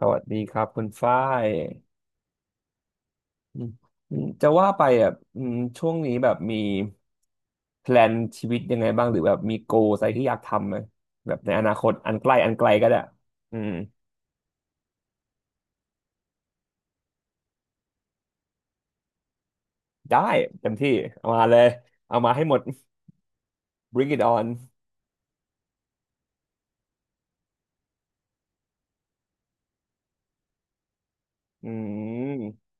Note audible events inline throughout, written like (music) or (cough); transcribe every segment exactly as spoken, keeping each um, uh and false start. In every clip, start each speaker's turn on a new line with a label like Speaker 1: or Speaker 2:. Speaker 1: สวัสดีครับคุณฝ้ายอืมอืมจะว่าไปอ่ะอืมช่วงนี้แบบมีแพลนชีวิตยังไงบ้างหรือแบบมีโกอะไรที่อยากทำไหมแบบในอนาคตอันใกล้อันไกลก็ได้อืมได้เต็มที่เอามาเลยเอามาให้หมด bring it on อืม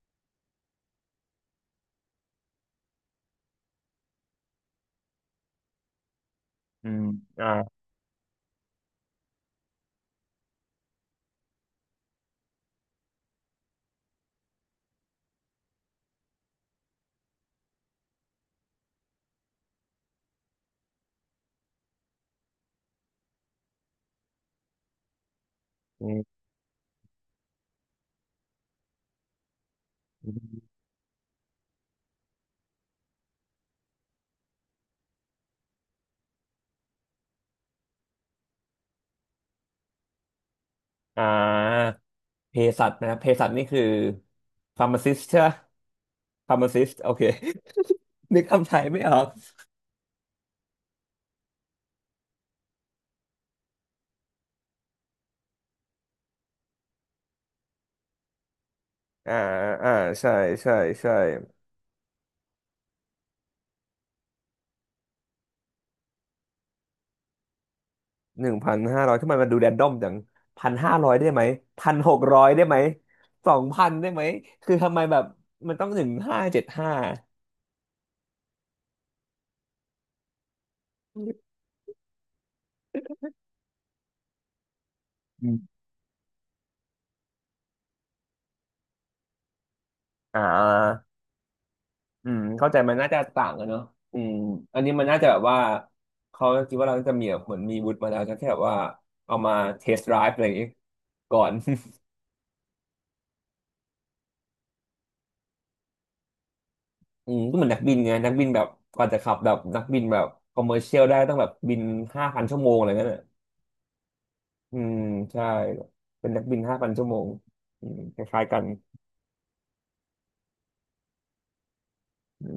Speaker 1: อืมอ่าอืมอมอ่าเภสัชนะเภสัชนี่คือ pharmacist ใช่ไหม pharmacist โอเค (laughs) นึกคำไทยไม่ออกอ่าอ่าใช่ใช่ใช่ หนึ่งพันห้าร้อยทำไมมันดูแรนดอมจังพันห้าร้อยได้ไหมพันหกร้อยได้ไหมสองพันได้ไหมคือทำไมแบบมันต้องหนึ่งห้าเจ็ดห้าอืมอ่าอืมเข้าใจมันน่าจะต่างกันเนอะอืมอันนี้มันน่าจะแบบว่าเขาคิดว่าเราจะมีแบบเหมือนมีวุฒิมาแล้วจะแค่แบบว่าเอามาเทส t d ไดรฟ์อะไรอย่างงี้ก่อน (laughs) อืมก็เหมือนนักบินไงนักบินแบบกว่าจะขับแบบนักบินแบบคอมเมอร์เชียลได้ต้องแบบบินห้าพันชั่วโมงอะไรเงี้ย อืมใช่เป็นนักบินห้าพันชั่วโมงอืมคล้ายๆกัน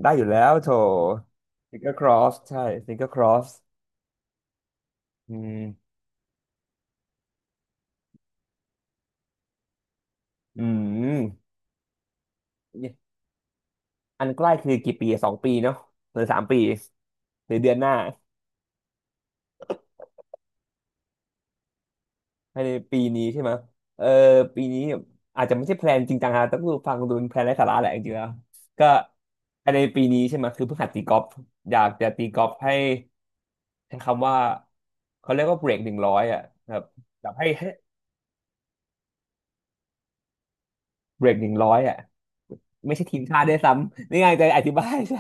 Speaker 1: ได้อยู่แล้วโถฟิงเกอร์ครอสใช่ฟิงเกอร์ครอสอืมอืมอันใกล้คือกี่ปีสองปีเนาะหรือสามปีหรือเดือนหน้าภายในปีนี้ใช่ไหมเออปีนี้อาจจะไม่ใช่แพลนจริงจังฮะต้องดูฟังดูเป็นแพลนไร้สาระแหละจริงๆแล้วก็ภายในปีนี้ใช่ไหมคือเพิ่งหัดตีกอล์ฟอยากจะตีกอล์ฟให้ใช้คำว่าเขาเรียกว่าเบรกหนึ่งร้อยอ่ะครับแบบให้ให้ เบรกหนึ่งร้อยอ่ะไม่ใช่ทีมชาติด้วยซ้ำนี่ไงจะอธิบาย (laughs) ใช่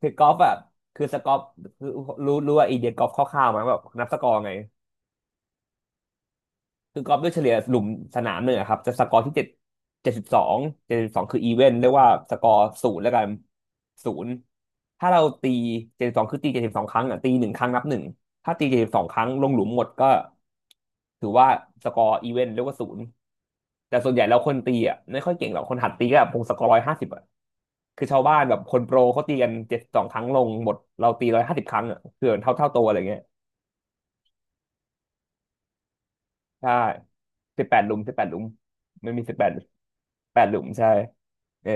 Speaker 1: คือกอล์ฟอ่ะคือสกอร์คือรู้รู้ว่าไอเดียกอล์ฟคร่าวๆมาแบบนับสกอร์ไงคือกอล์ฟด้วยเฉลี่ยหลุมสนามหนึ่งอะครับจะสกอร์ที่เจ็ดเจ็ดสิบสองเจ็ดสิบสองคืออีเวนเรียกว่าสกอร์ศูนย์แล้วกันศูนย์ถ้าเราตีเจ็ดสิบสองคือตีเจ็ดสิบสองครั้งอ่ะตีหนึ่งครั้งนับหนึ่งถ้าตีเจ็ดสิบสองครั้งลงหลุมหมดก็ถือว่าสกอร์อีเวนเรียกว่าศูนย์ แต่ส่วนใหญ่แล้วคนตีอ่ะไม่ค่อยเก่งหรอกคนหัดตีก็แบบพงศกรร้อยห้าสิบอ่ะคือชาวบ้านแบบคนโปรเขาตีกันเจ็ดสองครั้งลงหมดเราตีร้อยห้าสิบครั้งอ่ะคือเท่าเท่าตัวอะไรเงี้ยใช่สิบแปดหลุมสิบแปดหลุมมันมีสิบแปดแปดหลุมใช่เออ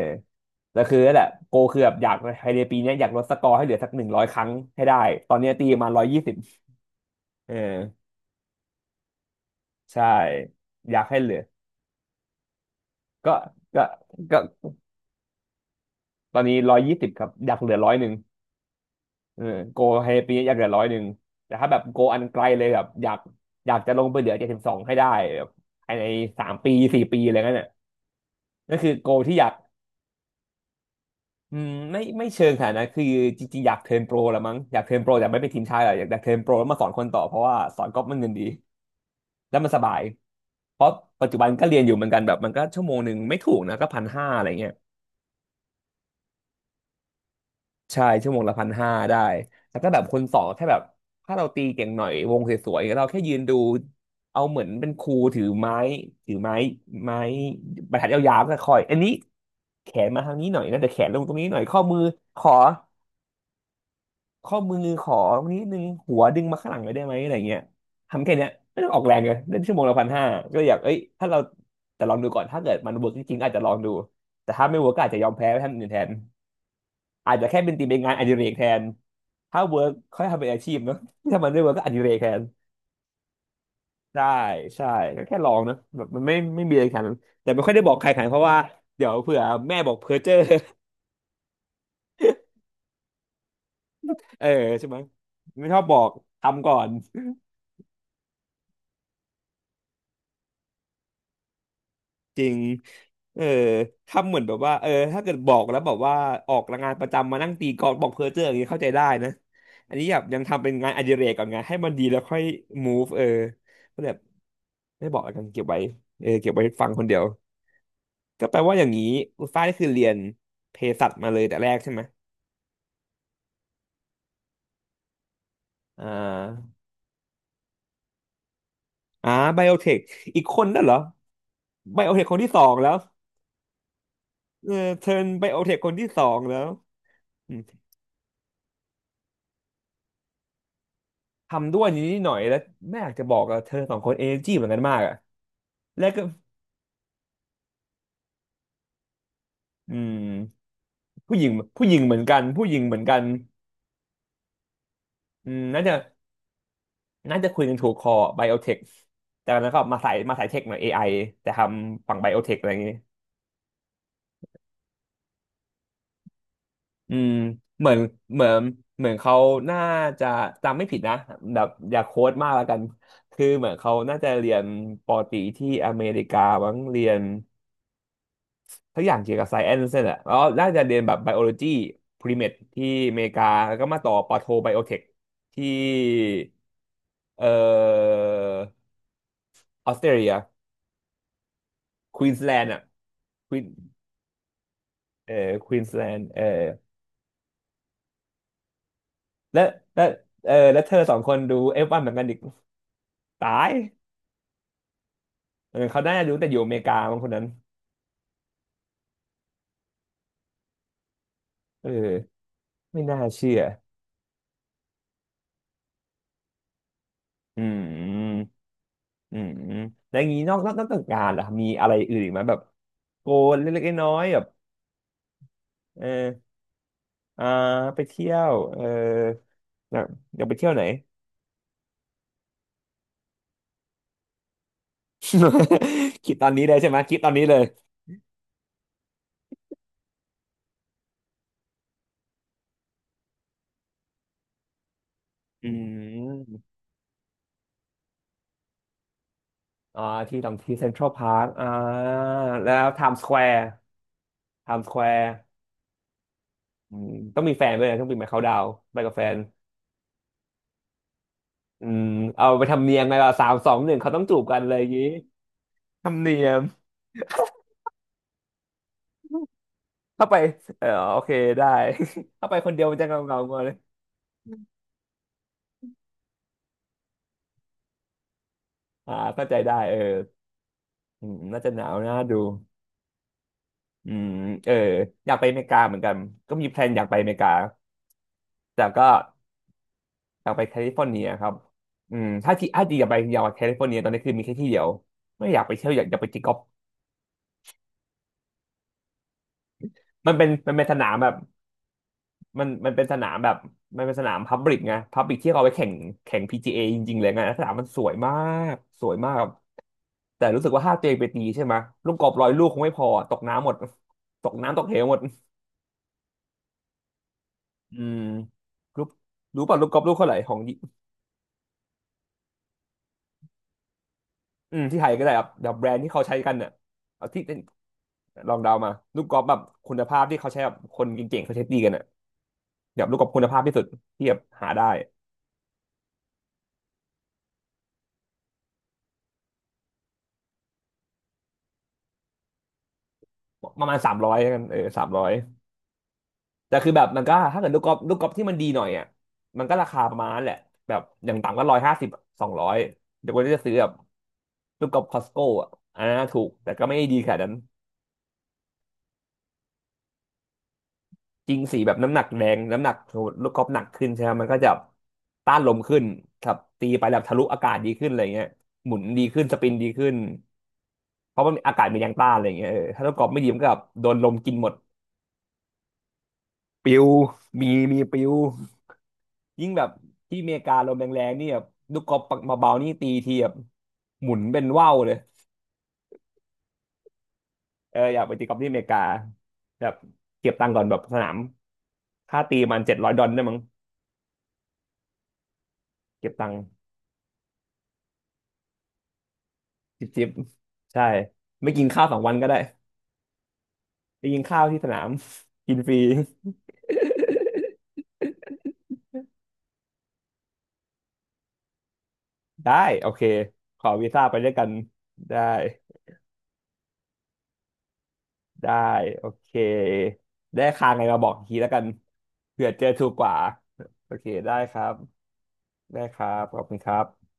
Speaker 1: แต่คือนั่นแหละโกคือแบบอยากภายในปีเนี้ยอยากลดสกอร์ให้เหลือสักหนึ่งร้อยครั้งให้ได้ตอนเนี้ยตีมาร้อยยี่สิบเออใช่อยากให้เหลือก็ก็ก็ตอนนี้ร้อยยี่สิบครับอยากเหลือร้อยหนึ่ง เออโกให้ปีอยากเหลือร้อยหนึ่งแต่ถ้าแบบโกอันไกลเลยแบบอยากอยากจะลงไปเหลือเจ็ดสิบสองให้ได้แบบภายในสามปีสี่ปีอะไรเงี้ยน่ะนั่นคือโกที่อยากอืมไม่ไม่เชิงขนาดนั้นคือจริงๆอยากเทิร์นโปรละมั้งอยากเทิร์นโปรแต่ไม่เป็นทีมชาติหรอกอยากอยากเทิร์นโปรแล้วมาสอนคนต่อเพราะว่าสอนก๊อฟมันเงินดีแล้วมันสบายเพราะปัจจุบันก็เรียนอยู่เหมือนกันแบบมันก็ชั่วโมงหนึ่งไม่ถูกนะก็พันห้าอะไรเงี้ย ใช่ชั่วโมงละพันห้าได้แล้วก็แบบคนสองแค่แบบถ้าเราตีเก่งหน่อยวงสวยๆเราแค่ยืนดูเอาเหมือนเป็นครูถือไม้ถือไม้ไม้บรรทัดยาวๆก็คอยอันนี้แขนมาทางนี้หน่อยนะเดี๋ยวแขนลงตรงนี้หน่อยข้อมือขอข้อมือขอตรงน้ดนึงหัวดึงมาข้างหลังเลยได้ไหมอะไรเงี้ยทำแค่เนี้ยไม่ต้องออกแรงเลยเล่นชั่วโมงละพันห้าก็อยากเอ้ยถ้าเราแต่ลองดูก่อนถ้าเกิดมันเวิร์กจริงๆอาจจะลองดูแต่ถ้าไม่เวิร์กก็อาจจะยอมแพ้ไปท่านอื่นแทน อาจจะแค่เป็นตีเป็นงานอดิเรกแทนถ้าเวิร์กค่อยทำเป็นอาชีพเนอะถ้ามันไม่เวิร์กก็อดิเรกแทนใช่ใช่ก็แค่ลองนะแบบมันไม่ไม่มีอะไรขนาดนั้นแต่ไม่ค่อยได้บอกใครขนาดนั้นเพราะว่าเดี๋ยวเผื่อแม่บอกเพ้อเจ้อ (laughs) เออใช่ไหมไม่ชอบบอกทำก่อนจริงเออทำเหมือนแบบว่าเออถ้าเกิดบอกแล้วบอกว่าออกงานประจำมานั่งตีกลองบอกเพ้อเจ้ออย่างนี้เข้าใจได้นะอันนี้แบบยังทำเป็นงานอดิเรกก่อนไงให้มันดีแล้วค่อย move เออก็แบบไม่บอกแล้วกันเก็บไว้เออเก็บไว้ฟังคนเดียว ก็แปลว่าอย่างนี้อุลฟ้านี่คือเรียนเภสัชมาเลยแต่แรกใช่ไหมอ่าอ่าไบโอเทคอีกคนนั่นเหรอไบโอเทคคนที่สองแล้วเออเทิร์นไบโอเทคคนที่สองแล้วอืมทำด้วยนี้หน่อยแล้วแม่อยากจะบอกอะเธอสองคนเอเนจีเหมือนกันมากอะแล้วก็อืมผู้หญิงผู้หญิงเหมือนกันผู้หญิงเหมือนกันอืมน่าจะน่าจะคุยกันถูกคอไบโอเทคแต่แล้วก็มาสายมาสายเทคหน่อย เอ ไอ แต่ทำฝั่งไบโอเทคอะไรอย่างงี้ อืมเหมือนเหมือนเหมือนเขาน่าจะจำไม่ผิดนะแบบอย่าโค้ดมากแล้วกันคือเหมือนเขาน่าจะเรียนปอตรีที่อเมริกาบ้างเรียนทุกอย่างเกี่ยวกับไซเอนซ์เนี่ยแหละแล้วน่าจะเรียนแบบไบโอโลจีพรีเม e ที่อเมริกาแล้วก็มาต่อปอโทไบโอเทคที่เอ่อออสเตรเลียควีนสแลนด์อ่ะควีนเอ่อควีนสแลนด์เอ่อและและเออแล้วเธอสองคนดูเอฟวันเหมือนกันอีกตาย เออเขาน่าจะรู้แต่อยู่อเมริกาบางคนนั้นเออไม่น่าเชื่ออืมอืมอืมแล้วอย่างนี้นอกนอกนอกจากงานล่ะมีอะไรอื่นอีกไหมแบบโกนเล็กๆน้อยๆแบบเอออ่าไปเที่ยวเอออยากอยากไปเที่ยวไหน (laughs) คิดตอนนี้เลยใช่ไหมคิดตอนนี้เลยอืมอ่าที่ตรงที่เซ็นทรัลพาร์คอ่าแล้วไทม์สแควร์ไทม์สแควร์อืมต้องมีแฟนด้วยนะต้องไปมาเขาดาวน์ไปกับแฟน อืมเอาไปทำเนียมไงล่ะสามสองหนึ่งเขาต้องจูบกันเลยอย่างงี้ทำเนียมถ้าไปเออโอเคได้ (laughs) ถ้าไปคนเดียวมันจะเงาเงาๆกว่าเลยอ่าเข้าใจได้เอออืมน่าจะหนาวน่าดูอืมเอออยากไปอเมริกาเหมือนกันก็มีแพลนอยากไปอเมริกาแต่ก็อยากไปแคลิฟอร์เนียครับอืมถ้าที่อาจจะอยากไปอยากไปแคลิฟอร์เนียตอนนี้คือมีแค่ที่เดียวไม่อยากไปเที่ยวอยากอยากไปตีกอล์ฟมันเป็นมันเป็นสนามแบบ มันมันเป็นสนามแบบมันเป็นสนามพับลิกไงพับลิกที่เขาเอาไปแข่งแข่ง พี จี เอ จเอจริงๆเลยไงสนามมันสวยมากสวยมากแต่รู้สึกว่าถ้าตัวเองไปตีใช่ไหมลูกกอล์ฟร้อยลูกคงไม่พอตกน้ำหมดตกน้ำตกเหวหมดอืมรู้รู้ป่ะลูกกอล์ฟลูกเท่าไหร่ของอืมที่ไทยก็ได้ครับเดี๋ยวแบรนด์ที่เขาใช้กันเนี่ยเอาที่เป็นลองเดามาลูกกอล์ฟแบบคุณภาพที่เขาใช้แบบคนเก่งๆเขาใช้ตีกันอ่ะแบบลูกกอล์ฟคุณภาพที่สุดที่แบบหาได้ประมาณสามร้อยกันเออสามร้อย แต่คือแบบมันก็ถ้าเกิดลูกกอล์ฟลูกกอล์ฟที่มันดีหน่อยอ่ะมันก็ราคาประมาณนั้นแหละแบบอย่างต่ำก็ร้อยห้าสิบสองร้อยเดี๋ยวคนที่จะซื้อแบบลูกกอล์ฟคอสโก้อ่ะอันนั้นถูกแต่ก็ไม่ได้ดีขนาดนั้นจริงสีแบบน้ำหนักแรงน้ำหนักลูกกอล์ฟหนักขึ้นใช่ไหมมันก็จะต้านลมขึ้นครับตีไปแบบทะลุอากาศดีขึ้นอะไรเงี้ยหมุนดีขึ้นสปินดีขึ้นเพราะมันอากาศมันยังต้านอะไรเงี้ยเออถ้าลูกกอล์ฟไม่ดีมันก็แบบโดนลมกินหมดปิวมีมีปิว ยิ่งแบบที่อเมริกาลมแรงๆนี่แบบลูกกอล์ฟปักมาเบาๆนี่ตีทีแบบหมุนเป็นว่าวเลยเอออยากไปตีกอล์ฟที่อเมริกาแบบเก็บตังค์ก่อนแบบสนามค่าตีมันเจ็ดร้อยดอลลาร์ได้มั้งเก็บตังค์จิบจิบใช่ไม่กินข้าวสองวันก็ได้ไปกินข้าวที่สนาม (laughs) กินฟรี (laughs) ได้โอเคขอวีซ่าไปด้วยกันได้ได้โอเคได้ค่าไงมาบอกอีกทีแล้วกันเผื่อเจอถูกกว่าโอเคได้ครับ ได้ครับ ขอบคุณครับ